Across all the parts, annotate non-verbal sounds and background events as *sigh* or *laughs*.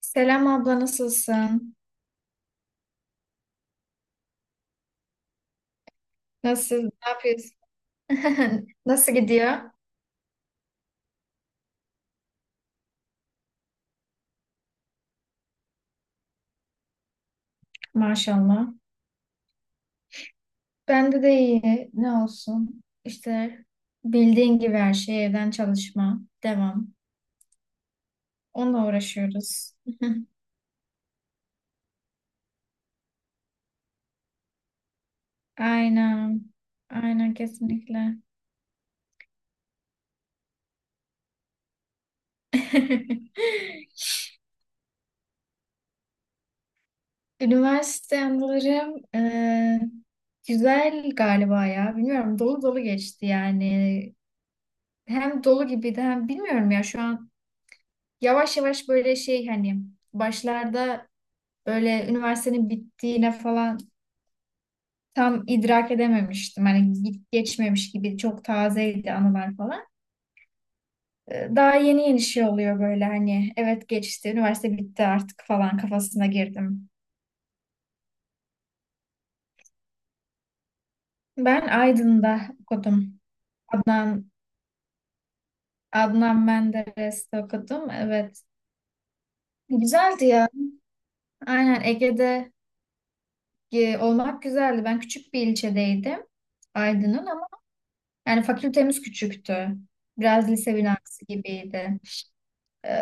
Selam abla nasılsın? Nasıl, ne yapıyorsun? *laughs* Nasıl gidiyor? Maşallah. Bende de iyi. Ne olsun? İşte bildiğin gibi her şey evden çalışma. Devam. Onunla uğraşıyoruz. *laughs* Aynen. Aynen kesinlikle. *laughs* Üniversite anılarım güzel galiba ya. Bilmiyorum dolu dolu geçti yani. Hem dolu gibiydi hem bilmiyorum ya şu an yavaş yavaş böyle şey hani başlarda böyle üniversitenin bittiğine falan tam idrak edememiştim. Hani git geçmemiş gibi çok tazeydi anılar falan. Daha yeni yeni şey oluyor böyle hani evet geçti üniversite bitti artık falan kafasına girdim. Ben Aydın'da okudum. Adnan Adnan Menderes'te okudum. Evet. Güzeldi ya. Aynen Ege'de olmak güzeldi. Ben küçük bir ilçedeydim. Aydın'ın ama yani fakültemiz küçüktü. Biraz lise binası gibiydi. Ee,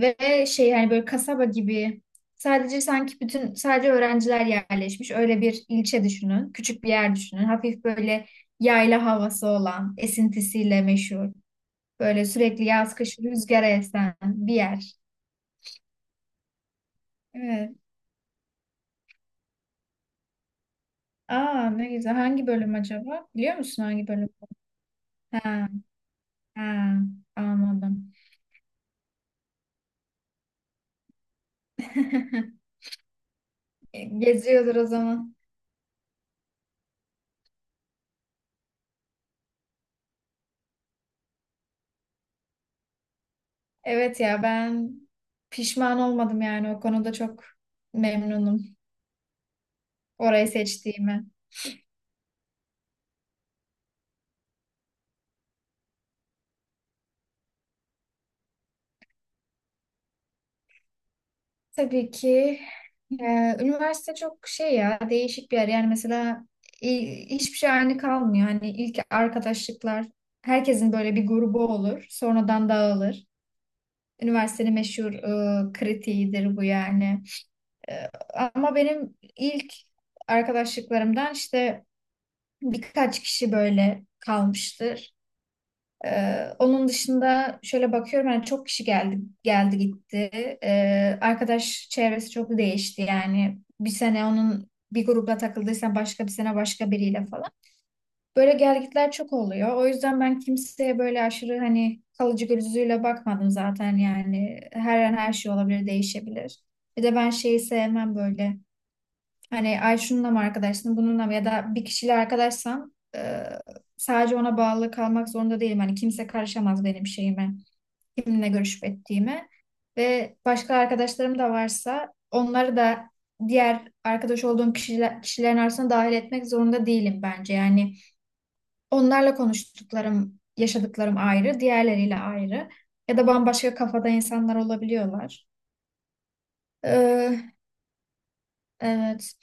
Ve şey hani böyle kasaba gibi sadece sanki bütün sadece öğrenciler yerleşmiş. Öyle bir ilçe düşünün. Küçük bir yer düşünün. Hafif böyle yayla havası olan, esintisiyle meşhur. Böyle sürekli yaz kış rüzgara esen bir yer. Evet. Aa ne güzel. Hangi bölüm acaba? Biliyor musun hangi bölüm? Ha, ha, anladım. *laughs* Geziyordur o zaman. Evet ya ben pişman olmadım yani o konuda çok memnunum orayı seçtiğime. Tabii ki e, üniversite çok şey ya değişik bir yer yani mesela hiçbir şey aynı kalmıyor. Hani ilk arkadaşlıklar herkesin böyle bir grubu olur sonradan dağılır. Üniversitenin meşhur kritiğidir bu yani. E, Ama benim ilk arkadaşlıklarımdan işte birkaç kişi böyle kalmıştır. Onun dışında şöyle bakıyorum yani çok kişi geldi gitti. Arkadaş çevresi çok değişti yani bir sene onun bir grupla takıldıysan başka bir sene başka biriyle falan. Böyle gelgitler çok oluyor. O yüzden ben kimseye böyle aşırı hani kalıcı gözüyle bakmadım zaten yani her an her şey olabilir değişebilir. Bir de ben şeyi sevmem böyle. Hani ay şununla mı arkadaşsın bununla mı ya da bir kişiyle arkadaşsam sadece ona bağlı kalmak zorunda değilim. Hani kimse karışamaz benim şeyime, kiminle görüşüp ettiğime. Ve başka arkadaşlarım da varsa onları da diğer arkadaş olduğum kişiler, kişilerin arasına dahil etmek zorunda değilim bence. Yani onlarla konuştuklarım, yaşadıklarım ayrı, diğerleriyle ayrı. Ya da bambaşka kafada insanlar olabiliyorlar. Evet.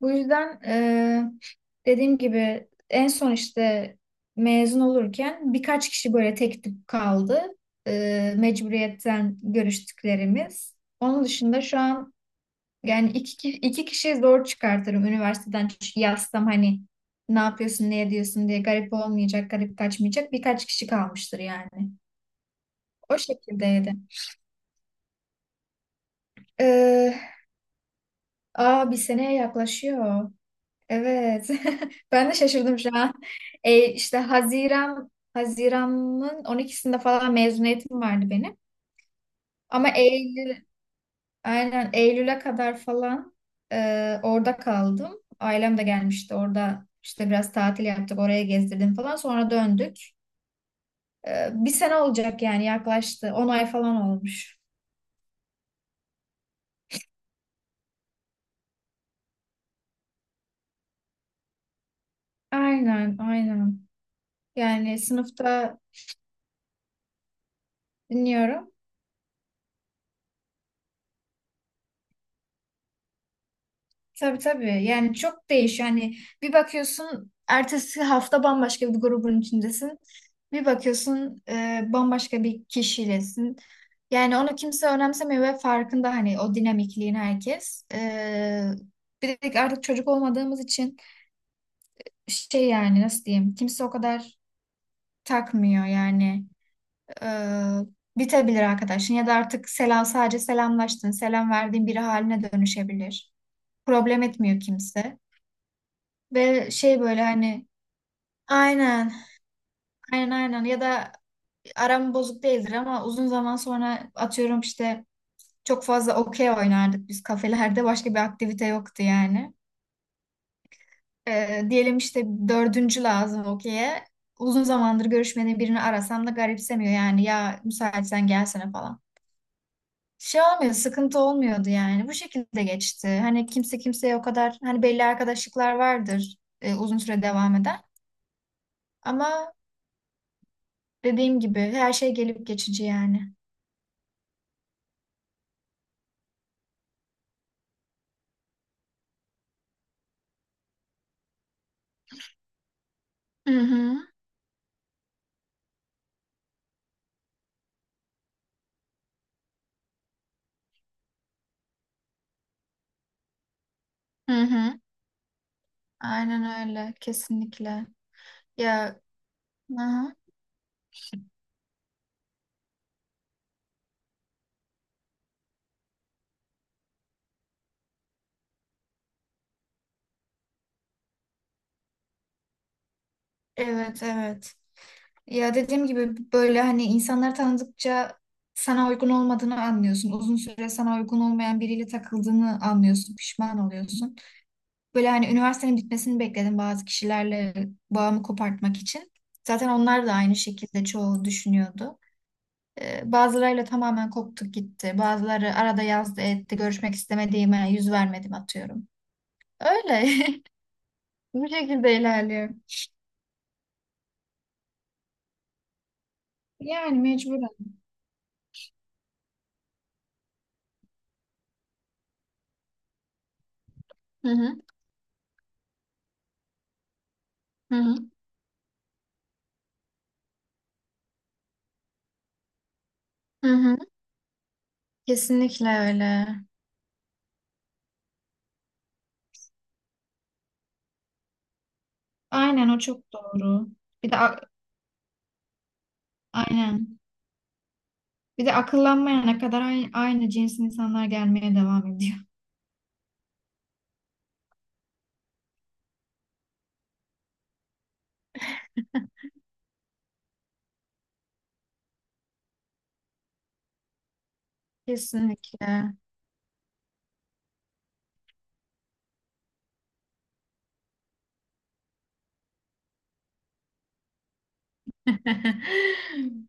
Bu yüzden dediğim gibi en son işte mezun olurken birkaç kişi böyle tek tip kaldı. Mecburiyetten görüştüklerimiz. Onun dışında şu an yani iki kişiyi zor çıkartırım üniversiteden. Çünkü yazsam hani ne yapıyorsun, ne ediyorsun diye garip olmayacak, garip kaçmayacak birkaç kişi kalmıştır yani. O şekildeydi. Eee aa bir seneye yaklaşıyor. Evet. *laughs* Ben de şaşırdım şu an. İşte Haziran'ın 12'sinde falan mezuniyetim vardı benim. Ama aynen Eylül'e kadar falan orada kaldım. Ailem de gelmişti. Orada İşte biraz tatil yaptık. Oraya gezdirdim falan. Sonra döndük. Bir sene olacak yani yaklaştı. 10 ay falan olmuş. Aynen, aynen. Yani sınıfta dinliyorum. Tabii tabii. Yani çok değişiyor. Hani bir bakıyorsun ertesi hafta bambaşka bir grubun içindesin. Bir bakıyorsun bambaşka bir kişiylesin. Yani onu kimse önemsemiyor ve farkında hani o dinamikliğin herkes. Bir de artık çocuk olmadığımız için şey yani nasıl diyeyim kimse o kadar takmıyor yani. E, Bitebilir arkadaşın ya da artık selam sadece selamlaştın, selam verdiğin biri haline dönüşebilir. Problem etmiyor kimse. Ve şey böyle hani aynen, aynen, aynen ya da aram bozuk değildir ama uzun zaman sonra atıyorum işte çok fazla okey oynardık biz kafelerde. Başka bir aktivite yoktu yani. Diyelim işte dördüncü lazım okey'e. Uzun zamandır görüşmediğim birini arasam da garipsemiyor yani. Ya müsaitsen gelsene falan. Şey olmuyor, sıkıntı olmuyordu yani. Bu şekilde geçti. Hani kimse kimseye o kadar hani belli arkadaşlıklar vardır uzun süre devam eden. Ama dediğim gibi her şey gelip geçici yani. Hı hı. Hı hı. Aynen öyle. Kesinlikle. Ya, hı hı. Evet, evet. Ya dediğim gibi böyle hani insanları tanıdıkça sana uygun olmadığını anlıyorsun. Uzun süre sana uygun olmayan biriyle takıldığını anlıyorsun. Pişman oluyorsun. Böyle hani üniversitenin bitmesini bekledim bazı kişilerle bağımı kopartmak için. Zaten onlar da aynı şekilde çoğu düşünüyordu. Bazılarıyla tamamen koptuk gitti. Bazıları arada yazdı etti. Görüşmek istemediğime yüz vermedim atıyorum. Öyle. *laughs* Bu şekilde ilerliyor. Yani mecburen. Hı hı. Hı hı. Hı hı. Kesinlikle öyle. Aynen, o çok doğru. Bir de a- aynen. Bir de akıllanmayana kadar aynı cins insanlar gelmeye devam ediyor. Kesinlikle. *laughs*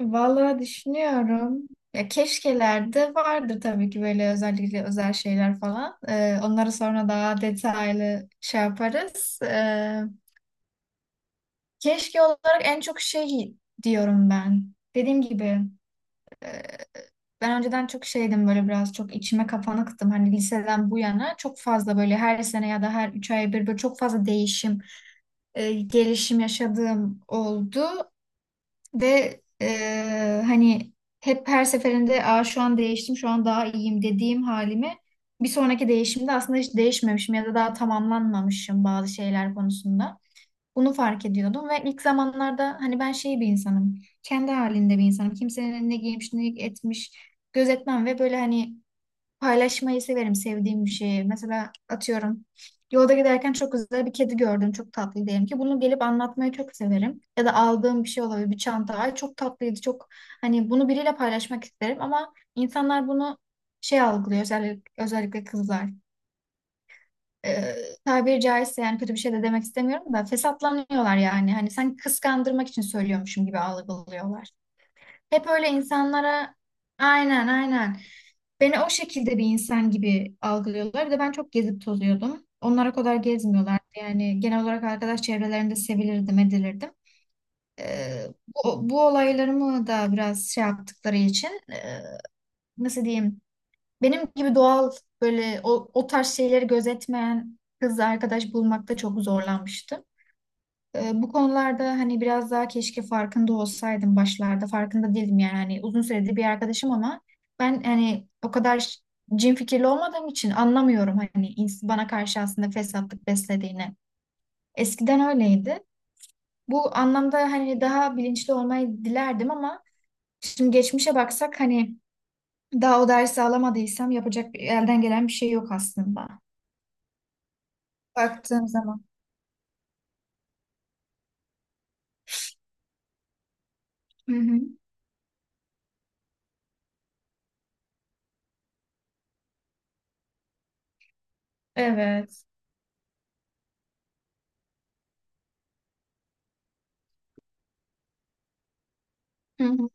Vallahi düşünüyorum. Ya keşkelerde vardır tabii ki böyle özellikle özel şeyler falan. Onları sonra daha detaylı şey yaparız. Keşke olarak en çok şey diyorum ben. Dediğim gibi e, ben önceden çok şeydim böyle biraz çok içime kapanıktım. Hani liseden bu yana çok fazla böyle her sene ya da her 3 ay bir, böyle çok fazla değişim, gelişim yaşadığım oldu. Ve hani hep her seferinde aa, şu an değiştim, şu an daha iyiyim dediğim halimi bir sonraki değişimde aslında hiç değişmemişim ya da daha tamamlanmamışım bazı şeyler konusunda. Bunu fark ediyordum ve ilk zamanlarda hani ben şey bir insanım, kendi halinde bir insanım. Kimsenin ne giymiş, ne etmiş gözetmem ve böyle hani paylaşmayı severim sevdiğim bir şeyi. Mesela atıyorum yolda giderken çok güzel bir kedi gördüm. Çok tatlı diyelim ki. Bunu gelip anlatmayı çok severim. Ya da aldığım bir şey olabilir. Bir çanta. Ay çok tatlıydı. Çok hani bunu biriyle paylaşmak isterim ama insanlar bunu şey algılıyor. Özellikle kızlar. Ee, Tabiri caizse yani kötü bir şey de demek istemiyorum da fesatlanıyorlar yani. Hani sanki kıskandırmak için söylüyormuşum gibi algılıyorlar. Hep öyle insanlara aynen, aynen. Beni o şekilde bir insan gibi algılıyorlar. Bir de ben çok gezip tozuyordum. Onlara kadar gezmiyorlardı. Yani genel olarak arkadaş çevrelerinde sevilirdim, edilirdim. Ee, bu olaylarımı da biraz şey yaptıkları için nasıl diyeyim? Benim gibi doğal böyle o tarz şeyleri gözetmeyen kız arkadaş bulmakta çok zorlanmıştım. Bu konularda hani biraz daha keşke farkında olsaydım başlarda. Farkında değildim yani hani uzun süredir bir arkadaşım ama ben hani o kadar cin fikirli olmadığım için anlamıyorum hani bana karşı aslında fesatlık beslediğini. Eskiden öyleydi. Bu anlamda hani daha bilinçli olmayı dilerdim ama şimdi geçmişe baksak hani daha o dersi alamadıysam yapacak elden gelen bir şey yok aslında. Baktığım zaman. Hı hı. Evet. Hı hı.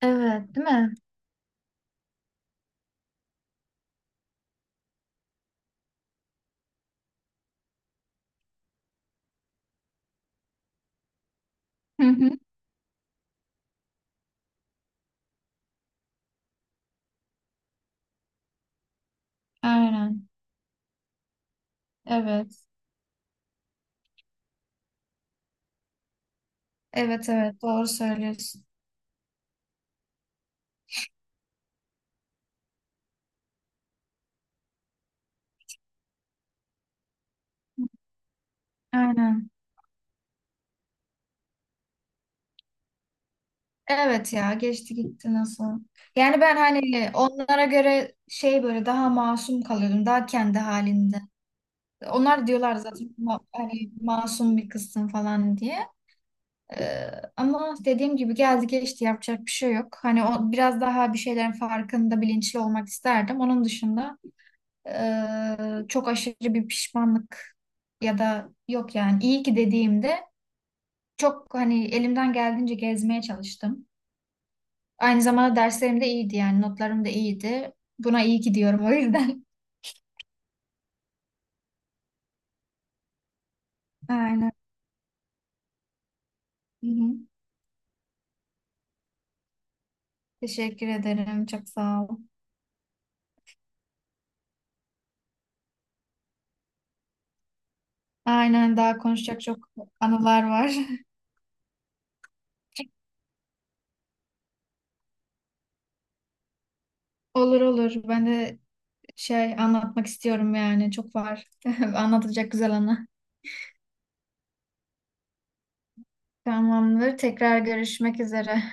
Evet, değil mi? Hı hı. Aynen. Evet. Evet, evet doğru söylüyorsun. Aynen. Evet ya geçti gitti nasıl. Yani ben hani onlara göre şey böyle daha masum kalıyordum. Daha kendi halinde. Onlar diyorlar zaten hani masum bir kızsın falan diye. Ee, Ama dediğim gibi geldi geçti yapacak bir şey yok. Hani o biraz daha bir şeylerin farkında bilinçli olmak isterdim. Onun dışında çok aşırı bir pişmanlık ya da yok yani iyi ki dediğimde çok hani elimden geldiğince gezmeye çalıştım. Aynı zamanda derslerim de iyiydi yani notlarım da iyiydi. Buna iyi gidiyorum o yüzden. *laughs* Aynen. Hı hı. Teşekkür ederim. Çok sağ ol. Aynen daha konuşacak çok anılar var. *laughs* Olur, olur. Ben de şey anlatmak istiyorum yani. Çok var. *laughs* Anlatacak güzel anı. Tamamdır. Tekrar görüşmek üzere.